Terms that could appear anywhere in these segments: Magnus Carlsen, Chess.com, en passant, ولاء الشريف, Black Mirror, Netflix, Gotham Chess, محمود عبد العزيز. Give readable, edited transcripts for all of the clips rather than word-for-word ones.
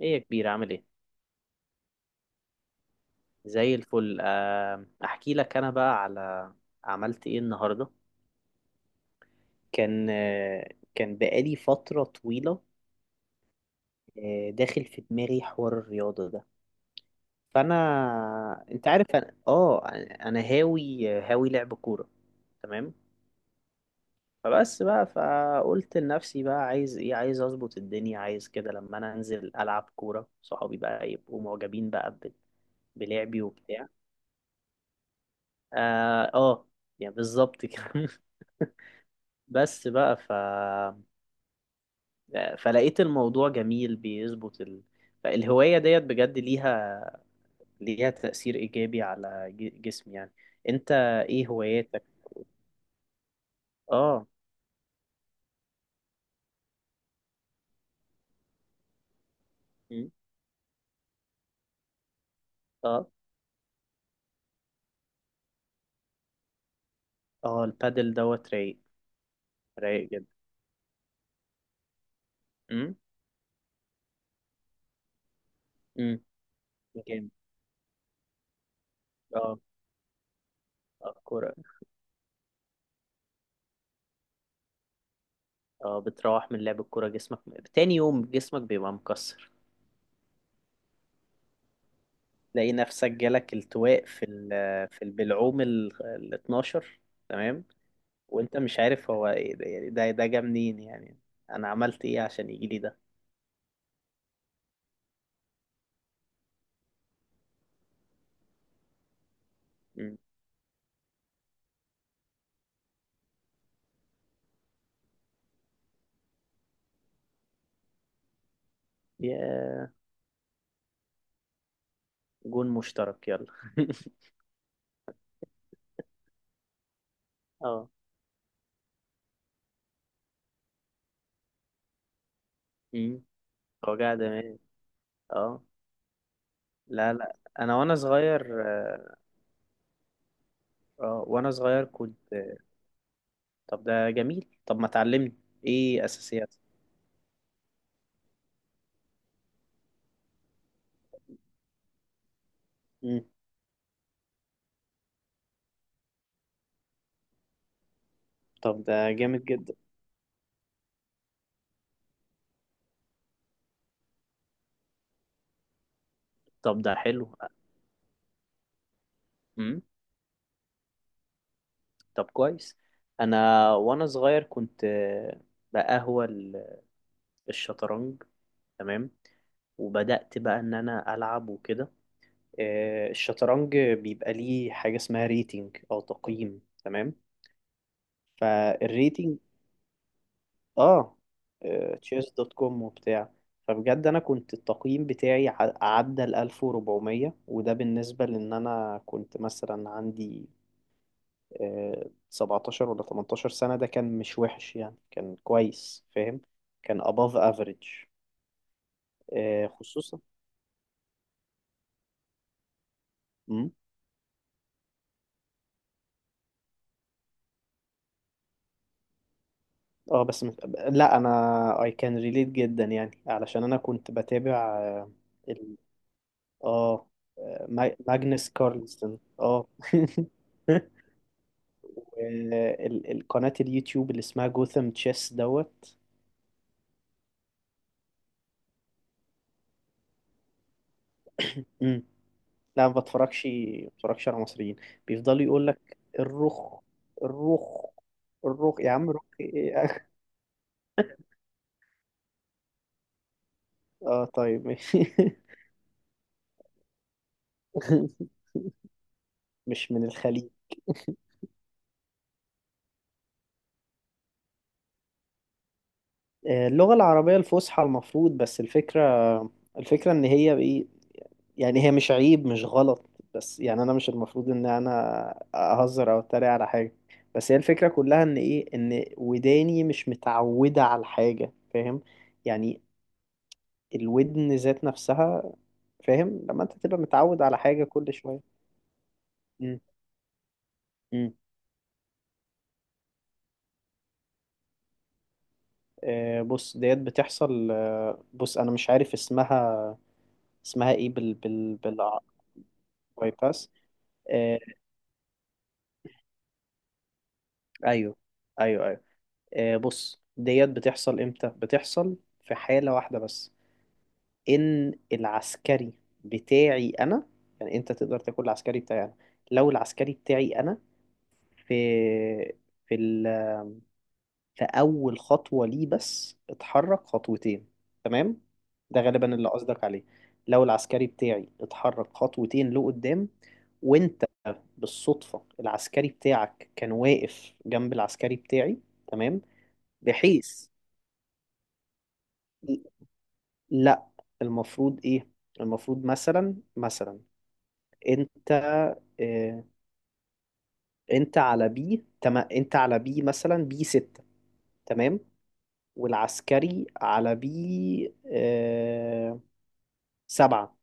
ايه يا كبير، عامل ايه؟ زي الفل. احكي لك، انا بقى عملت ايه النهارده. كان آه، كان بقالي فتره طويله داخل في دماغي حوار الرياضه ده. فانا انت عارف، انا انا هاوي هاوي لعب كوره، تمام. فبس بقى، فقلت لنفسي بقى، عايز ايه؟ عايز اظبط الدنيا، عايز كده لما انا انزل العب كوره صحابي بقى يبقوا معجبين بقى بلعبي وبتاع. اه آه، يعني بالظبط كده. بس بقى فلقيت الموضوع جميل، بيظبط الهواية ديت بجد، ليها تأثير إيجابي على جسمي يعني. أنت إيه هواياتك؟ آه. م? آه. آه البادل دوت رايق، رايق جدا. م? م. جامد. آه. آه كورة. آه بتروح من لعب الكورة جسمك، تاني يوم جسمك بيبقى مكسر. تلاقي نفسك جالك التواء في في البلعوم ال 12، تمام. وانت مش عارف هو ايه ده، يعني ده جه منين يعني، انا عملت ايه عشان يجي لي ده؟ مم. يا جون مشترك يلا. اه. مم. وجع دماغي. اه. لا لا، انا وانا صغير اه وانا صغير كنت طب ده جميل، طب ما تعلمني ايه اساسيات. مم. طب ده جامد جدا. طب ده حلو. مم. طب كويس. انا وانا صغير كنت بقهوى الشطرنج، تمام. وبدأت بقى إن أنا ألعب وكده. الشطرنج بيبقى ليه حاجة اسمها ريتنج أو تقييم، تمام. فالريتنج آه تشيس دوت كوم وبتاع. فبجد أنا كنت التقييم بتاعي عدى ال 1400، وده بالنسبة لأن أنا كنت مثلا عندي 17 ولا 18 سنة، ده كان مش وحش يعني، كان كويس فاهم. كان above average خصوصا. اه بس مش... لا انا I can relate جدا يعني، علشان انا كنت بتابع ال... اه ماجنس كارلسن اه. القناة اليوتيوب اللي اسمها جوثام تشيس دوت. مم. لا ما بتفرجش على مصريين. بيفضلوا يقول لك الرخ، الرخ، الرخ. يا عم رخ ايه؟ اه طيب ماشي. مش من الخليج. اللغة العربية الفصحى المفروض. بس الفكرة ان هي ايه، يعني هي مش عيب مش غلط، بس يعني انا مش المفروض ان انا اهزر او اتريق على حاجة. بس هي الفكرة كلها ان ايه، ان وداني مش متعودة على الحاجة فاهم يعني. الودن ذات نفسها، فاهم لما انت تبقى متعود على حاجة كل شوية. مم. مم. آه بص ديت بتحصل. آه بص انا مش عارف اسمها، اسمها ايه بايباس. ايوه، ايوه، ايوه. آه بص ديت بتحصل امتى؟ بتحصل في حالة واحدة بس، ان العسكري بتاعي انا، يعني انت تقدر تاكل العسكري بتاعي انا لو العسكري بتاعي انا في في في اول خطوة ليه بس اتحرك خطوتين، تمام. ده غالبا اللي قصدك عليه. لو العسكري بتاعي اتحرك خطوتين لقدام، وانت بالصدفة العسكري بتاعك كان واقف جنب العسكري بتاعي، تمام، بحيث لا. المفروض ايه؟ المفروض مثلا، مثلا انت اه، انت على بي، تمام، انت على بي مثلا بي ستة، تمام، والعسكري على بي اه سبعة.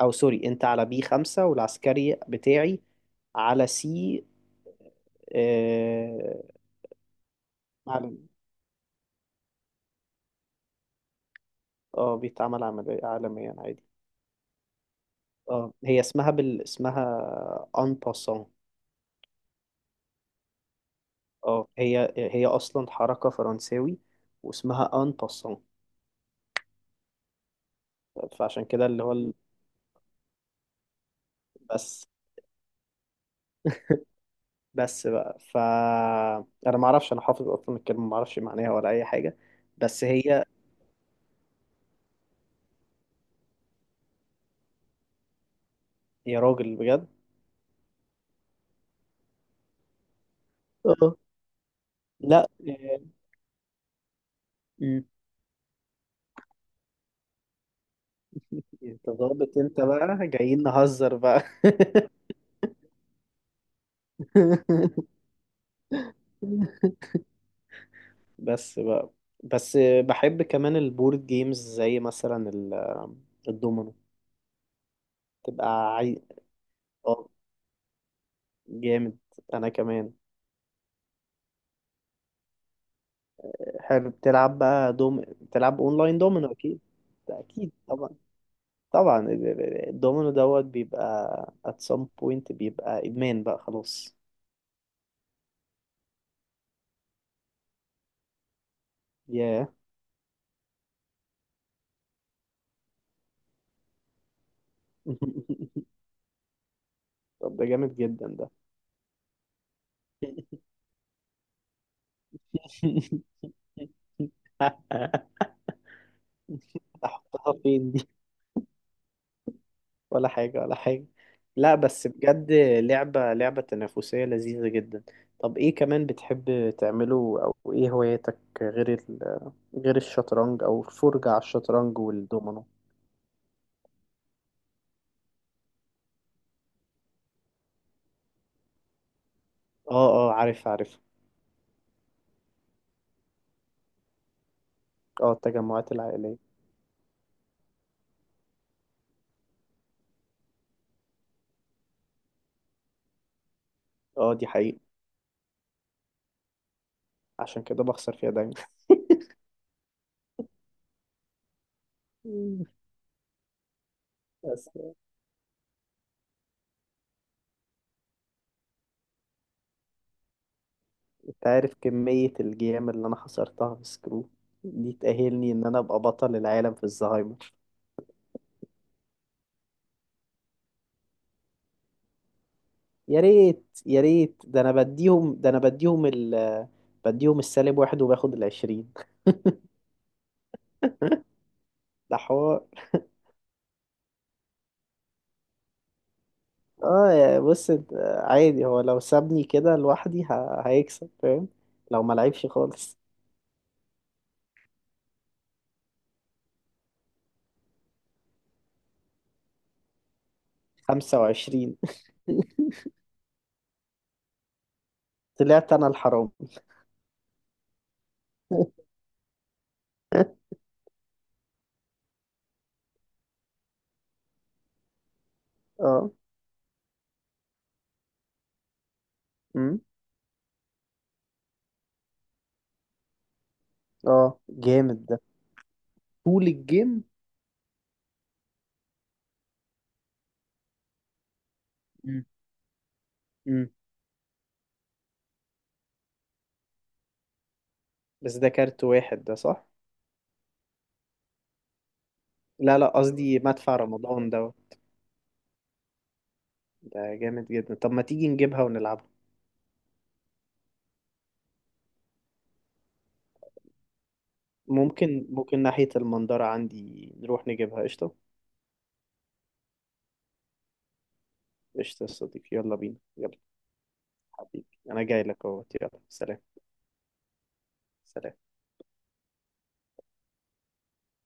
او سوري، انت على بي خمسة، والعسكري بتاعي على سي. اه عالمي. اه بيتعمل عملية عالميا عادي. اه هي اسمها اسمها ان باسون. اه هي هي اصلا حركه فرنساوي، واسمها ان باسون. فعشان كده اللي هو بس بس بقى انا ما اعرفش، انا حافظ اصلا الكلمه ما اعرفش معناها ولا اي حاجه. بس هي يا راجل بجد. اه لا. مم. انت ظابط، انت بقى جايين نهزر بقى. بس بقى بس بحب كمان البورد جيمز زي مثلا الدومينو. تبقى عي... اه جامد. انا كمان. حلو، بتلعب بقى دوم، بتلعب اونلاين دومينو اكيد. ده اكيد طبعا. طبعا الدومينو دوت بيبقى at some point بيبقى ادمان بقى خلاص. ياه. طب ده جامد جدا ده. احطها فين دي؟ ولا حاجة، ولا حاجة. لا بس بجد، لعبة تنافسية لذيذة جدا. طب ايه كمان بتحب تعمله، او ايه هواياتك غير غير الشطرنج او الفرجة على الشطرنج والدومينو؟ اه، عارف. اه التجمعات العائلية. اه دي حقيقة، عشان كده بخسر فيها دايما. بس انت عارف كمية الجيام اللي انا خسرتها في سكرو، دي تأهلني ان انا ابقى بطل العالم في الزهايمر. يا ريت يا ريت، ده انا بديهم ده انا بديهم ال بديهم السالب واحد وباخد العشرين. ده حوار. اه يا بص عادي، هو لو سابني كده لوحدي هيكسب فاهم، لو ما لعبش خالص. خمسة وعشرين. طلعت انا الحرام. اه. اه جامد ده. طول الجيم. مم. امم. بس ده كارت واحد ده صح؟ لا لا قصدي مدفع رمضان ده. ده جامد جدا، طب ما تيجي نجيبها ونلعبها. ممكن، ممكن ناحية المنظرة عندي نروح نجيبها، قشطة. قشطة يا صديقي، يلا بينا يلا. حبيبي أنا جاي لك أهوت، يلا سلام. سلام.